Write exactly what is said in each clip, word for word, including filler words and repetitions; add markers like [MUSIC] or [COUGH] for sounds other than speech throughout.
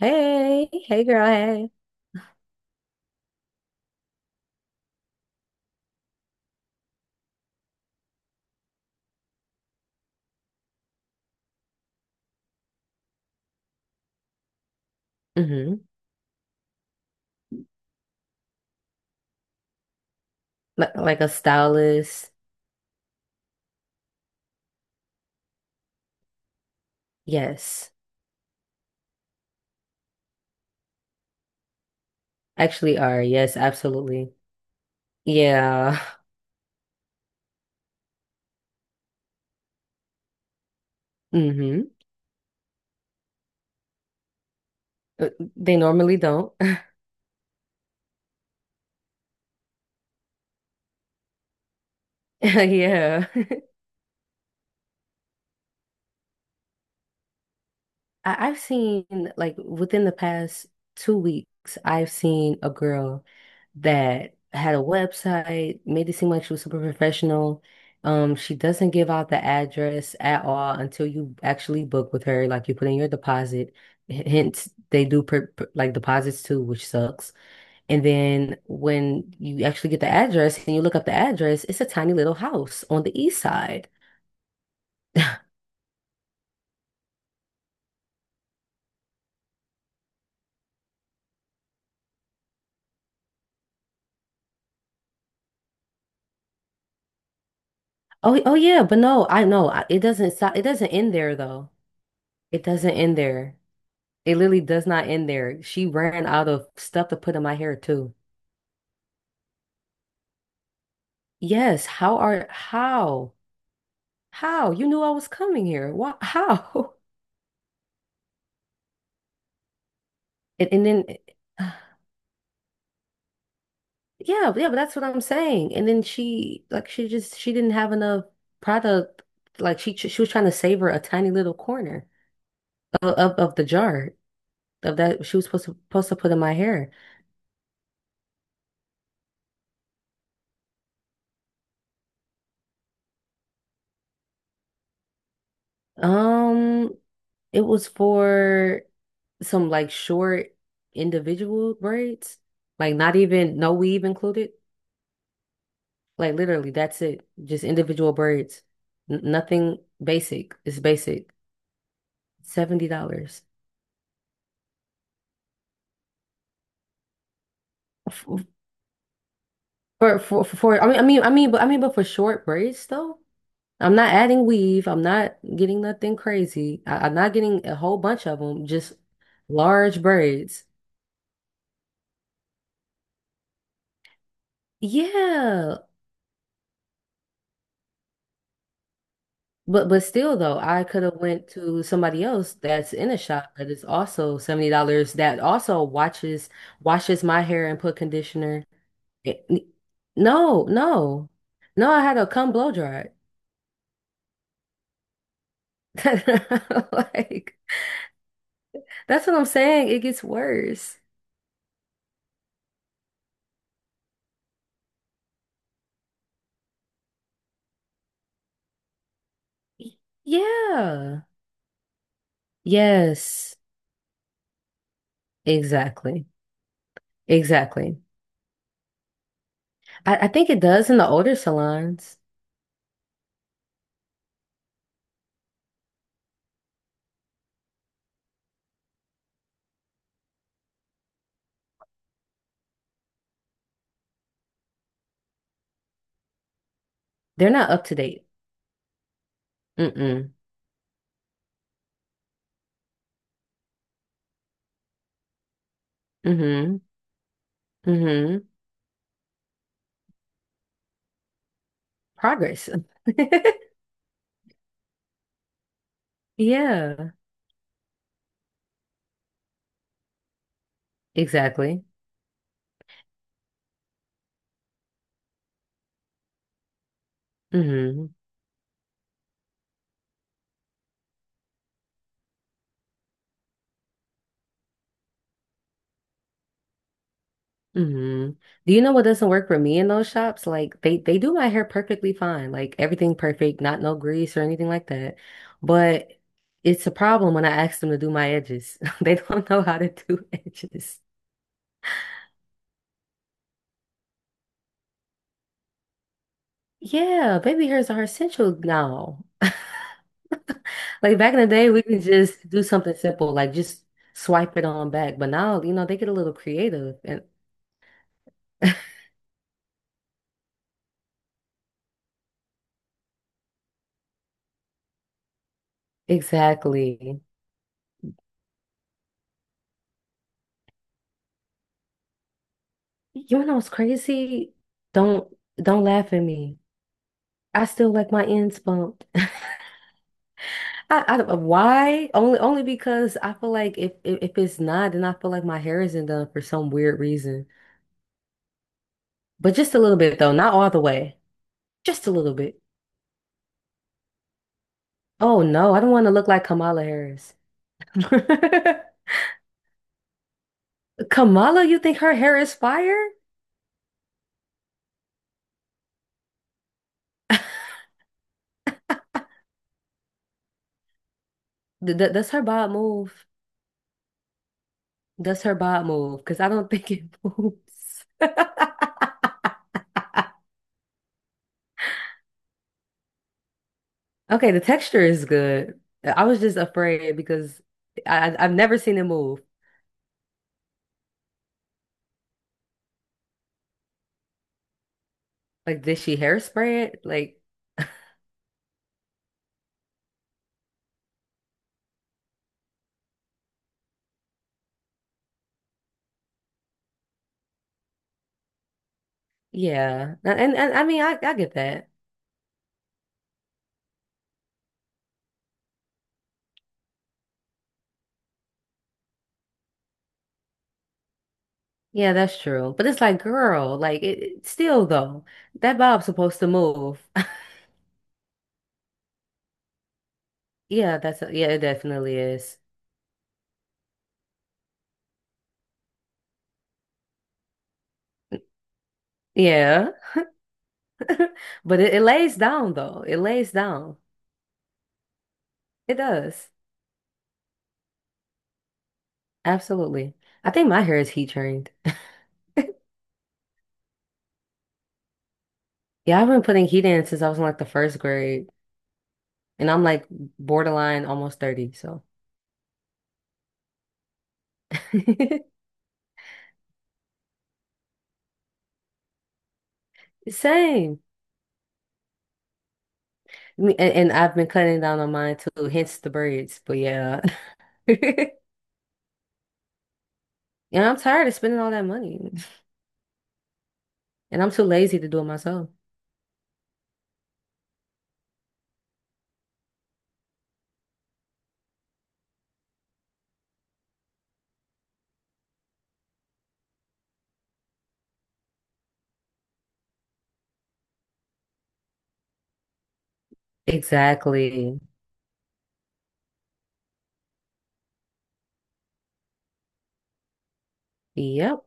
Hey, hey girl, hey. Hmm. Oh, like a stylist. Yes. Actually are. Yes, absolutely. Yeah. [LAUGHS] Mm. hmm They normally don't. [LAUGHS] Yeah. [LAUGHS] I I've seen like within the past two weeks, I've seen a girl that had a website, made it seem like she was super professional. Um, she doesn't give out the address at all until you actually book with her, like you put in your deposit. H- Hence, they do per, per- like deposits too, which sucks. And then when you actually get the address and you look up the address, it's a tiny little house on the east side. Oh, oh yeah, but no, I know I- it doesn't stop. It doesn't end there though. It doesn't end there. It literally does not end there. She ran out of stuff to put in my hair too. Yes, how are how? How? You knew I was coming here. Why? How? [LAUGHS] And, and then yeah, yeah, but that's what I'm saying. And then she like she just she didn't have enough product. Like she she was trying to savor a tiny little corner of of, of the jar of that she was supposed to supposed to put in my hair. Um, it was for some like short individual braids, like not even no weave included. Like literally, that's it. Just individual braids, N nothing basic. It's basic. seventy dollars. For, for for I mean I mean I mean but I mean but for short braids though. I'm not adding weave. I'm not getting nothing crazy. I, I'm not getting a whole bunch of them, just large braids. Yeah. But but still though, I could have went to somebody else that's in a shop that is also seventy dollars, that also watches washes my hair and put conditioner. It- n- no, no, no. I had a cum blow dry. [LAUGHS] Like that's what I'm saying. It gets worse. Y- Yeah. Yes. Exactly. Exactly. I, I think it does in the older salons. They're not up to date. Mm-mm. Mm-hmm. Mm-hmm. Progress. [LAUGHS] Yeah. Exactly. Mm-hmm. Hmm. Do you know what doesn't work for me in those shops? Like they they do my hair perfectly fine, like everything perfect, not no grease or anything like that. But it's a problem when I ask them to do my edges. [LAUGHS] They don't know how to do [LAUGHS] edges. Yeah, baby hairs are essential now. [LAUGHS] Like back in the day, we could just do something simple, like just swipe it on back. But now, you know, they get a little creative and exactly. You know what's crazy? Don't, don't laugh at me. I still like my ends bumped. I, I don't- why? Only only because I feel like if, if if it's not, then I feel like my hair isn't done for some weird reason. But just a little bit though, not all the way. Just a little bit. Oh no, I don't want to look like Kamala Harris. [LAUGHS] Kamala, you think her hair is fire? [LAUGHS] Th- th- Does her bob move? Does her bob move? Because I don't think it [LAUGHS] moves. Okay, the texture is good. I was just afraid because I I- I've never seen it move. Like, did she hairspray it? Like, yeah. And, and I mean, I, I get that. Yeah, that's true. But it's like, girl, like it, it- still though, that bob's supposed to move. [LAUGHS] Yeah, that's yeah, it definitely is. Yeah. [LAUGHS] But it, it lays down though. It lays down. It does. Absolutely. I think my hair is heat trained. Yeah, I've been putting heat in since I was in like the first grade, and I'm like borderline almost thirty, so. [LAUGHS] Same. Me- And, and I've been cutting down on mine too, hence the braids. But yeah. [LAUGHS] And I'm tired of spending all that money. [LAUGHS] And I'm too lazy to do it myself. Exactly. Yep.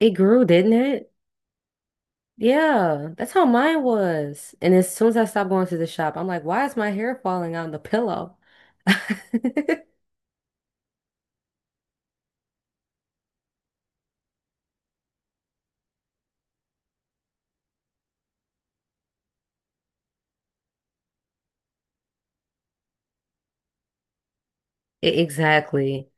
It grew, didn't it? Yeah. That's how mine was. And as soon as I stopped going to the shop, I'm like, why is my hair falling on the pillow? [LAUGHS] E- Exactly.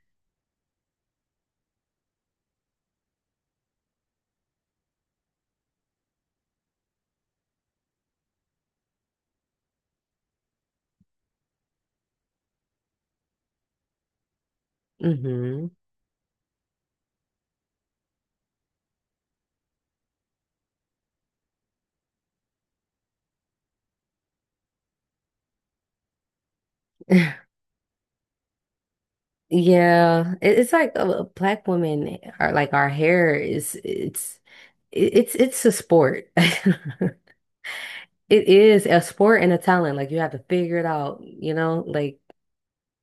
Hmm. [LAUGHS] Yeah. It- It's like uh, black women are like our hair is it's it- it's it's a sport. [LAUGHS] It is a sport and a talent. Like you have to figure it out, you know? Like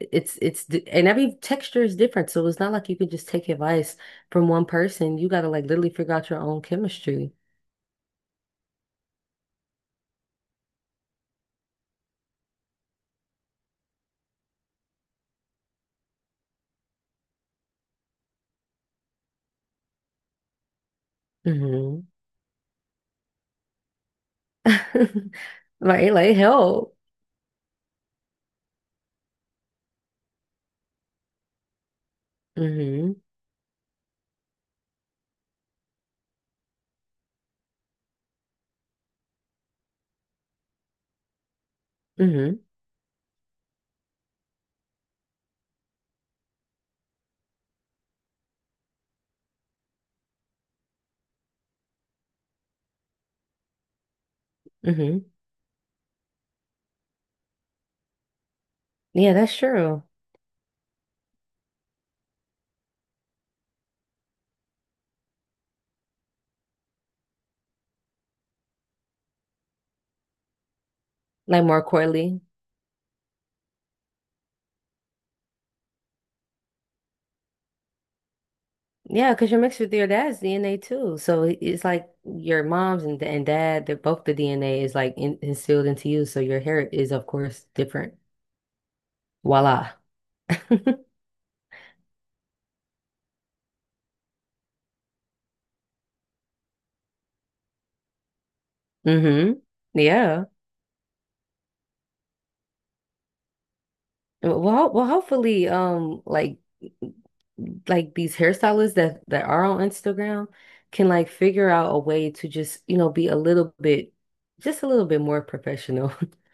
it's it's di- and every texture is different, so it's not like you can just take advice from one person. You gotta like literally figure out your own chemistry. Hmm. [LAUGHS] Right, like help. Hmm. Hmm. Hmm. Yeah, that's true. Like more coily. Yeah, because you're mixed with your dad's D N A too. So it- it's like your mom's and, and dad, they're both the D N A is like in, instilled into you. So your hair is, of course, different. Voila. [LAUGHS] Hmm. Yeah. Well, well, hopefully, um, like like these hairstylists that that are on Instagram can like figure out a way to just, you know, be a little bit, just a little bit more professional, [LAUGHS]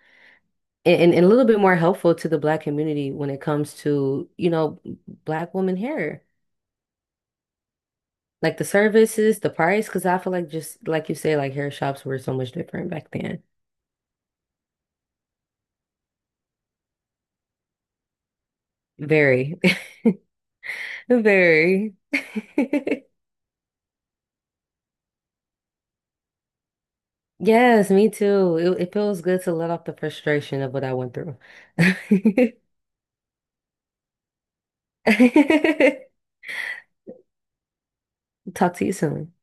and, and, and a little bit more helpful to the black community when it comes to, you know, black woman hair. Like the services, the price, because I feel like just like you say, like hair shops were so much different back then. Very, [LAUGHS] very. [LAUGHS] Yes, me too. It, it feels good to let off the frustration of what I went through. [LAUGHS] Talk to you soon.